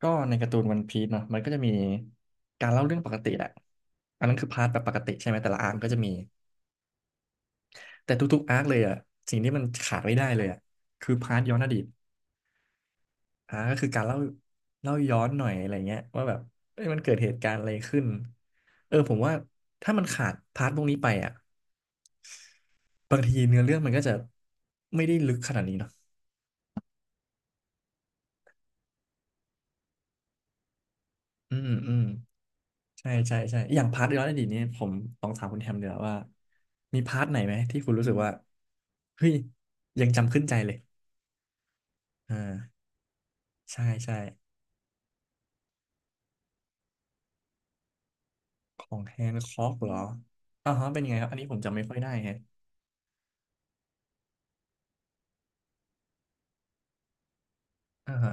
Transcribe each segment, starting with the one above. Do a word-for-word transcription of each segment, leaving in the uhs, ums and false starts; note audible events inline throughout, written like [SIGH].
ก็ในการ์ตูนวันพีซเนาะมันก็จะมีการเล่าเรื่องปกติแหละอันนั้นคือพาร์ทแบบปกติใช่ไหมแต่ละอาร์คก็จะมีแต่ทุกๆอาร์คเลยอ่ะสิ่งที่มันขาดไม่ได้เลยอ่ะคือพาร์ทย้อนอดีตอ่าก็คือการเล่าเล่าย้อนหน่อยอะไรเงี้ยว่าแบบเอ้ยมันเกิดเหตุการณ์อะไรขึ้นเออผมว่าถ้ามันขาดพาร์ทพวกนี้ไปอ่ะบางทีเนื้อเรื่องมันก็จะไม่ได้ลึกขนาดนี้เนาะอืมอืม ใช่ใช่ใช่อย่างพาร์ทย้อนอดีตนี้ผมลองถามคุณแฮมเดี๋ยวาว่ามีพาร์ทไหนไหมที่คุณรู้สึกว่าเฮ้ยยังจำขึ้นใจเลยอ่าใช่ใช่ของแฮนค็อกเหรออ่าฮะเป็นยังไงครับอันนี้ผมจำไม่ค่อยได้แฮะอ่าฮะ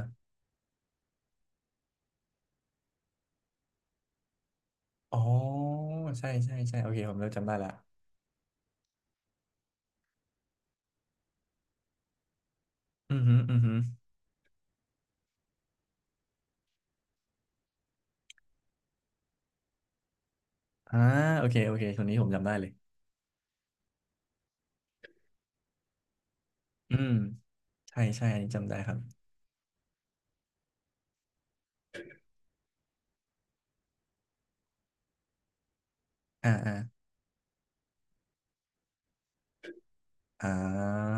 อ๋อใช่ใช่ใช่โอเคผมเริ่มจำได้ละอือฮึอือฮึอ่าโอเคโอเคคนนี้ผมจำได้เลยอืมใช่ใช่อันนี้จำได้ครับอ่าอ่าอ่า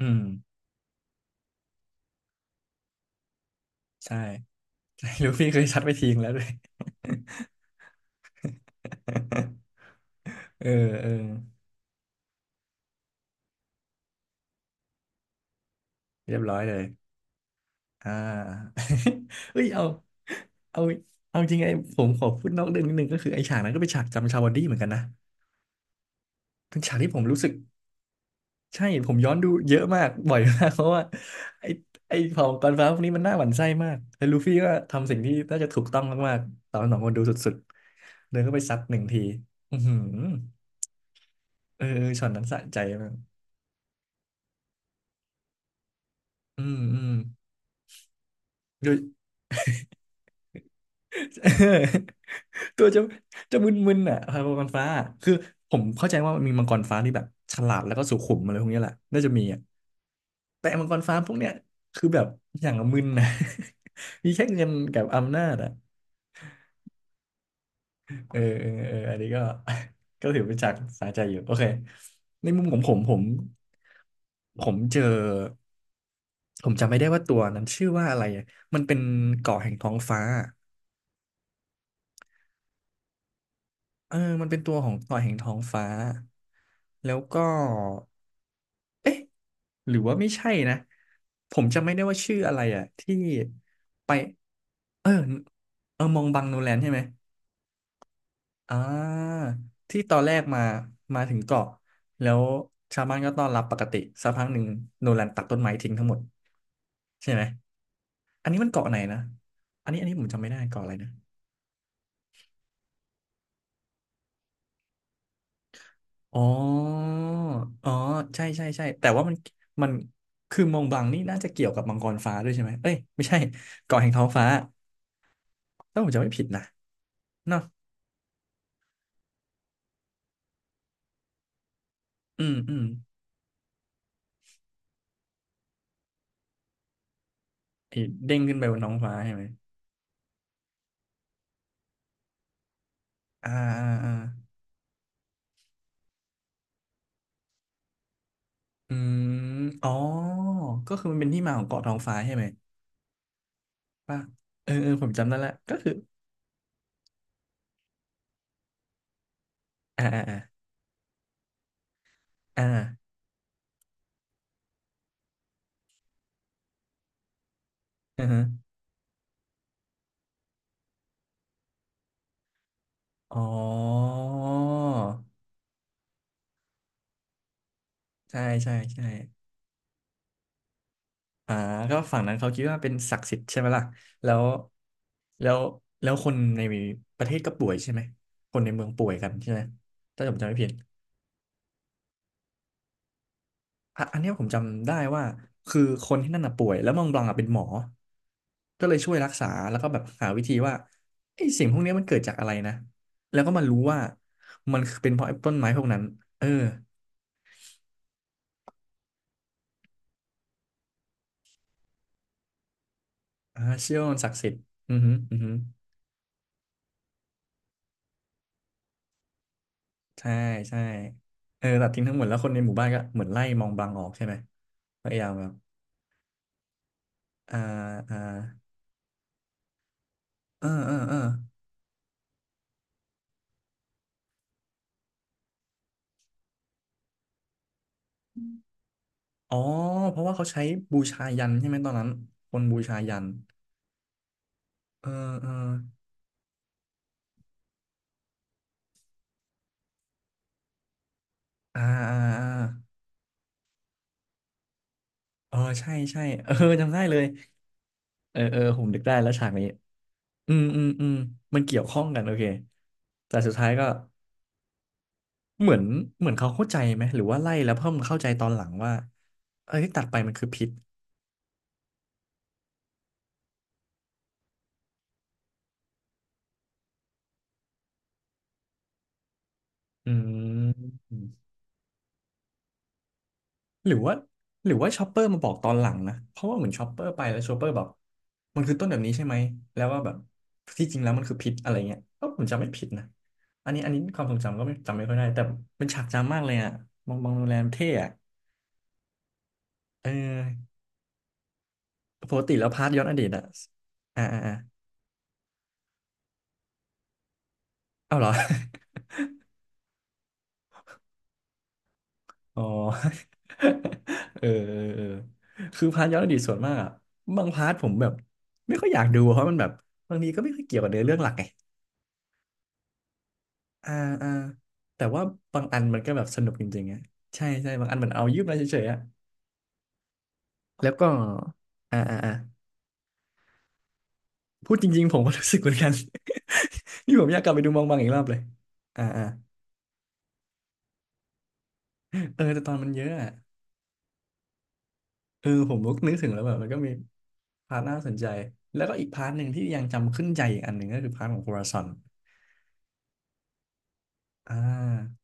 อืมใช่ใช่ [LAUGHS] ลูฟี่เคยชัดไปทิ้งแล้วด้วย [LAUGHS] เออเออเรียบร้อยเลยอ่า [LAUGHS] เอ้ยเอาเอา เอาจริงไอ้ผมขอพูดนอกเรื่องนิดนึงก็คือไอ้ฉากนั้นก็เป็นฉากจำชาวดี้เหมือนกันนะเป็นฉากที่ผมรู้สึกใช่ผมย้อนดูเยอะมาก [LAUGHS] บ่อยมากเพราะว่าไอ้ไอ้เผ่ามังกรฟ้าพวกนี้มันน่าหวั่นไส้มากแล้วลูฟี่ก็ทำสิ่งที่น่าจะถูกต้องมากๆตอนสองคนดูสุดๆเดินเข้าไปซัดหนึ่งทีอือหือเออเออช็อตนั้นสะใจมากอืมอืมโดย [LAUGHS] ตัวจะจะมึนๆอ่ะครับมังกรฟ้าคือผมเข้าใจว่ามันมีมังกรฟ้าที่แบบฉลาดแล้วก็สุขุมอะไรพวกเนี้ยแหละน่าจะมีอ่ะแต่มังกรฟ้าพวกเนี้ยคือแบบอย่างละมึนนะ [LAUGHS] มีแค่เงินกับอำนาจอ่ะเออเออเอออันนี้ก็ [LAUGHS] ก็ถือเป็นฉากสาใจอยู่โอเคในมุมของผมผมผมเจอผมจำไม่ได้ว่าตัวนั้นชื่อว่าอะไรอะมันเป็นเกาะแห่งท้องฟ้าเออมันเป็นตัวของเกาะแห่งท้องฟ้าแล้วก็เอ๊ะ หรือว่าไม่ใช่นะผมจำไม่ได้ว่าชื่ออะไรอ่ะที่ไปเออเออมองบังโนแลนใช่ไหมอ่าที่ตอนแรกมามาถึงเกาะแล้วชาวบ้านก็ต้อนรับปกติสักพักหนึ่งโนแลนตัดต้นไม้ทิ้งทั้งหมดใช่ไหมอันนี้มันเกาะไหนนะอันนี้อันนี้ผมจำไม่ได้เกาะอะไรนะอ๋ออ๋อใช่ใช่ใช่แต่ว่ามันมันคือมองบลังนี่น่าจะเกี่ยวกับมังกรฟ้าด้วยใช่ไหมเอ้ยไม่ใช่เกาะแห่งท้องฟ้าถ้าผมจำไม่ผิดนะเนาะ อืมอืมไอ้เด้งขึ้นไปบนท้องฟ้าใช่ไหมอ่าอ่าอ่าอืมอ๋อก็คือมันเป็นที่มาของเกาะท้องฟ้าใช่ไหมป่ะเออเออผมจำได้ละก็คืออ่าอ่าอ่าอ่าอือฮะอ๋อใช่ใช่ใช่อ่าก็ฝั่งนั้นเขาคิดว่าเป็นศักดิ์สิทธิ์ใช่ไหมล่ะแล้วแล้วแล้วคนในประเทศก็ป่วยใช่ไหมคนในเมืองป่วยกันใช่ไหมถ้าผมจำไม่ผิด อ่ะอันเนี้ยผมจำได้ว่าคือคนที่นั่นน่ะป่วยแล้วมองบลังอ่ะเป็นหมอก็เลยช่วยรักษาแล้วก็แบบหาวิธีว่าไอ้สิ่งพวกเนี้ยมันเกิดจากอะไรนะ แล้วก็มารู้ว่ามันเป็นเพราะไอ้ต้นไม้พวกนั้น เอออ่าเชื่อว่ามันศักดิ์สิทธิ์อือฮึอือฮึใช่ใช่เออตัดทิ้งทั้งหมดแล้วคนในหมู่บ้านก็เหมือนไล่มองบลังออกใช่ไหมพยายามแบบอ่าอ่าเออเออเอออ๋อเพราะว่าเขาใช้บูชายัญใช่ไหมตอนนั้นคนบูชายัญเออเออ อ่าอ่าอ่าเออใช่ใช่เออจำได้เลยเออเออผมนึกได้แล้วฉากนี้อืมอืมอืมมันเกี่ยวข้องกันโอเคแต่สุดท้ายก็เหมือนเหมือนเขาเข้าใจไหมหรือว่าไล่แล้วเพิ่มเข้าใจตอนหลังว่าเอ้ยตัดไปมันคือพิษอืม หรือว่าหรือว่าชอปเปอร์มาบอกตอนหลังนะเพราะว่าเหมือนชอปเปอร์ไปแล้วชอปเปอร์แบบมันคือต้นแบบนี้ใช่ไหมแล้วว่าแบบที่จริงแล้วมันคือพิษอะไรเงี้ยก็ผมจำไม่ผิดนะอันนี้อันนี้ความทรงจำก็ไม่จำไม่ค่อยได้แต่เป็นฉากจำมากเลยอ่ะบองบองโรงแรมเท่อะเออปกติแล้วพาร์ทย้อนอดีตอ่ะอ่าอ่าอ่าเอาเหรอ [LAUGHS] อ๋อ [LAUGHS] เออเออเออคือพาร์ทย้อนอดีตส่วนมากอะบางพาร์ทผมแบบไม่ค่อยอยากดูเพราะมันแบบบางทีก็ไม่ค่อยเกี่ยวกับเนื้อเรื่องหลักไง อ่าอ่าแต่ว่าบางอันมันก็แบบสนุกจริงๆอ่ะใช่ใช่บางอันมันเอายืมมาเฉยๆอ่ะแล้วก็อ่าอ่าอ่าพูดจริงๆผมก็รู้สึกเหมือนกัน [LAUGHS] นี่ผมอยากกลับไปดูมองบางอีกรอบเลยอ่าอ่าเออแต่ตอนมันเยอะอ่ะเออผมก็นึกถึงแล้วแบบมันก็มีพาร์ทน่าสนใจแล้วก็อีกพาร์ทหนึ่งที่ยังจำขึ้นใจอีกอันหนึ่งก็คือพาร์ทของโคราซอนอ่า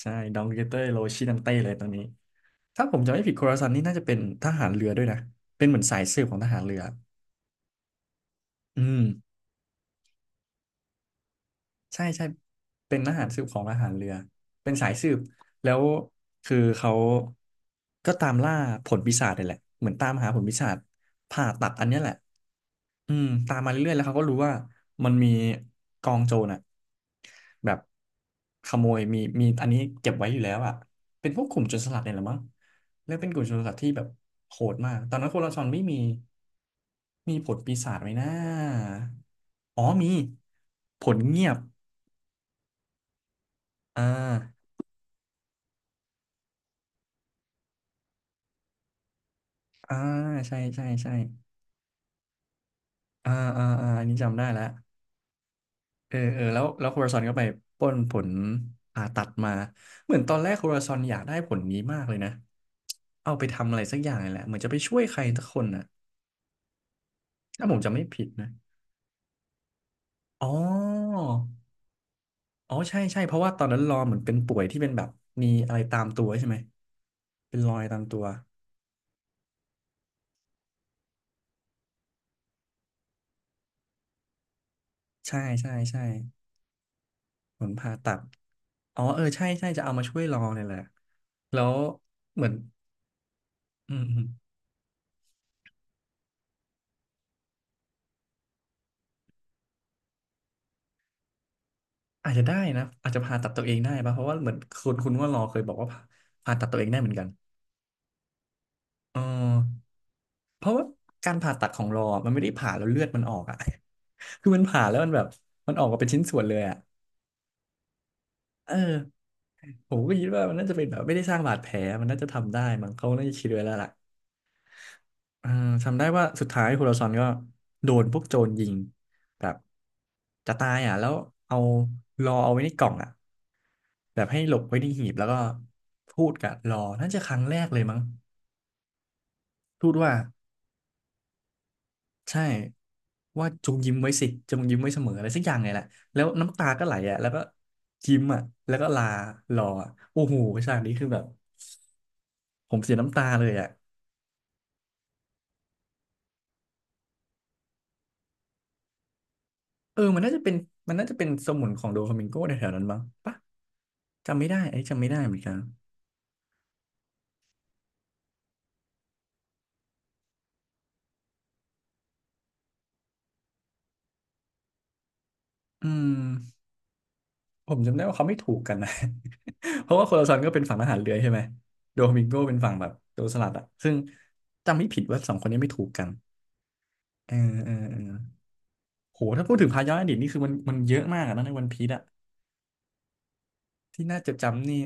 ใช่ดองเกเตอร์โรชินังเต้เลยตอนนี้ถ้าผมจำไม่ผิดโคราซอนนี่น่าจะเป็นทหารเรือด้วยนะเป็นเหมือนสายสืบของทหารเรืออืม ใช่ใช่เป็นทหารสืบของทหารเรือเป็นสายสืบแล้วคือเขาก็ตามล่าผลปีศาจนี่แหละเหมือนตามหาผลปีศาจผ่าตัดอันเนี้ยแหละอืมตามมาเรื่อยๆแล้วเขาก็รู้ว่ามันมีกองโจรอ่ะแบบขโมยมีมีอันนี้เก็บไว้อยู่แล้วอ่ะเป็นพวกกลุ่มโจรสลัดเนี่ยแหละมั้งแล้วเป็นกลุ่มโจรสลัดที่แบบโหดมากตอนนั้นโคราชอนไม่มีมีผลปีศาจไหมนะอ๋อมีผลเงียบ อ่าอ่าใช่ใช่ใช่อ่าอ่าอ่าอันนี้จำได้แล้วเออเออแล้วแล้วโคราซอนก็ไปปล้นผลผ่าตัดมาเหมือนตอนแรกโคราซอนอยากได้ผลนี้มากเลยนะเอาไปทำอะไรสักอย่างนี่แหละเหมือนจะไปช่วยใครสักคนน่ะถ้าผมจำไม่ผิดนะอ๋ออ๋อใช่ใช่เพราะว่าตอนนั้นรอเหมือนเป็นป่วยที่เป็นแบบมีอะไรตามตัวใช่ไหมเป็นรอยตามตัวใช่ใช่ใช่ผลผ่าตัดอ๋อเออใช่ใช่จะเอามาช่วยรอเนี่ยแหละแล้วเหมือนอืม อาจจะได้นะอาจจะผ่าตัดตัวเองได้ปะเพราะว่าเหมือนคุณคุณว่ารอเคยบอกว่าผ่าผ่าตัดตัวเองได้เหมือนกันเออเพราะว่าการผ่าตัดของรอมันไม่ได้ผ่าแล้วเลือดมันออกอ่ะ [LAUGHS] คือมันผ่าแล้วมันแบบมันออกมาเป็นชิ้นส่วนเลยอ่ะเออผมก็คิดว่ามันน่าจะเป็นแบบไม่ได้สร้างบาดแผลมันน่าจะทำได้มั้งเขาน่าจะคิดไว้แล้วล่ะเออจำได้ว่าสุดท้ายโฮโลซอนก็โดนพวกโจรยิงแบบจะตายอ่ะแล้วเอารอเอาไว้ในกล่องอ่ะ แบบให้หลบไว้ที่หีบแล้วก็พูดกับรอน่าจะครั้งแรกเลยมั้งพูดว่าใช่ว่าจงยิ้มไว้สิจงยิ้มไว้เสมออะไรสักอย่างไงแหละแล้วน้ำตาก็ไหลอ่ะแล้วก็ยิ้มอ่ะแล้วก็ลารออะโอ้โหฉากนี้คือแบบผมเสียน้ำตาเลยอ่ะเออมันน่าจะเป็นมันน่าจะเป็นสมุนของโดฟามิงโกในแถวนั้นมั้งปะจำไม่ได้ไอ้้จำไม่ได้เหมือนกันอืม ผมจำได้ว่าเขาไม่ถูกกันนะ [LAUGHS] เพราะว่าโคลาซันก็เป็นฝั่งทหารเรือใช่ไหมโดมิงโกเป็นฝั่งแบบโจรสลัดอะซึ่งจำไม่ผิดว่าสองคนนี้ไม่ถูกกันเออเออเออโหถ้าพูดถึงพาย้อนอดีตนี่คือมันมันเยอะมากอะนะในวันพีซอะที่น่าจดจำนี่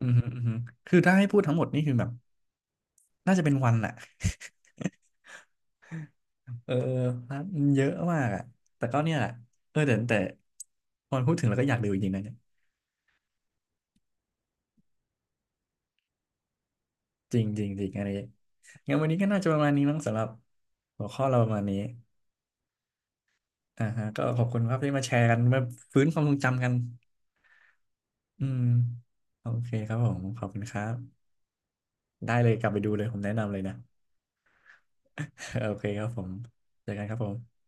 อืมฮึอืมฮึคือถ้าให้พูดทั้งหมดนี่คือแบบน่าจะเป็นวันแหละเออเออนะมันเยอะมากอะแต่ก็เนี่ยแหละเออแต่แต่พอพูดถึงแล้วก็อยากดูจริงๆนะเนี่ยจริงจริงจริงอะไรงั้นวันนี้ก็น่าจะประมาณนี้มั้งสำหรับหัวข้อเราประมาณนี้ อ่าฮะก็ขอบคุณครับที่มาแชร์กันมาฟื้นความทรงจำกันอืมโอเคครับผมขอบคุณครับได้เลยกลับไปดูเลยผมแนะนำเลยนะ [LAUGHS] โอเคครับผมเจอกันครับผม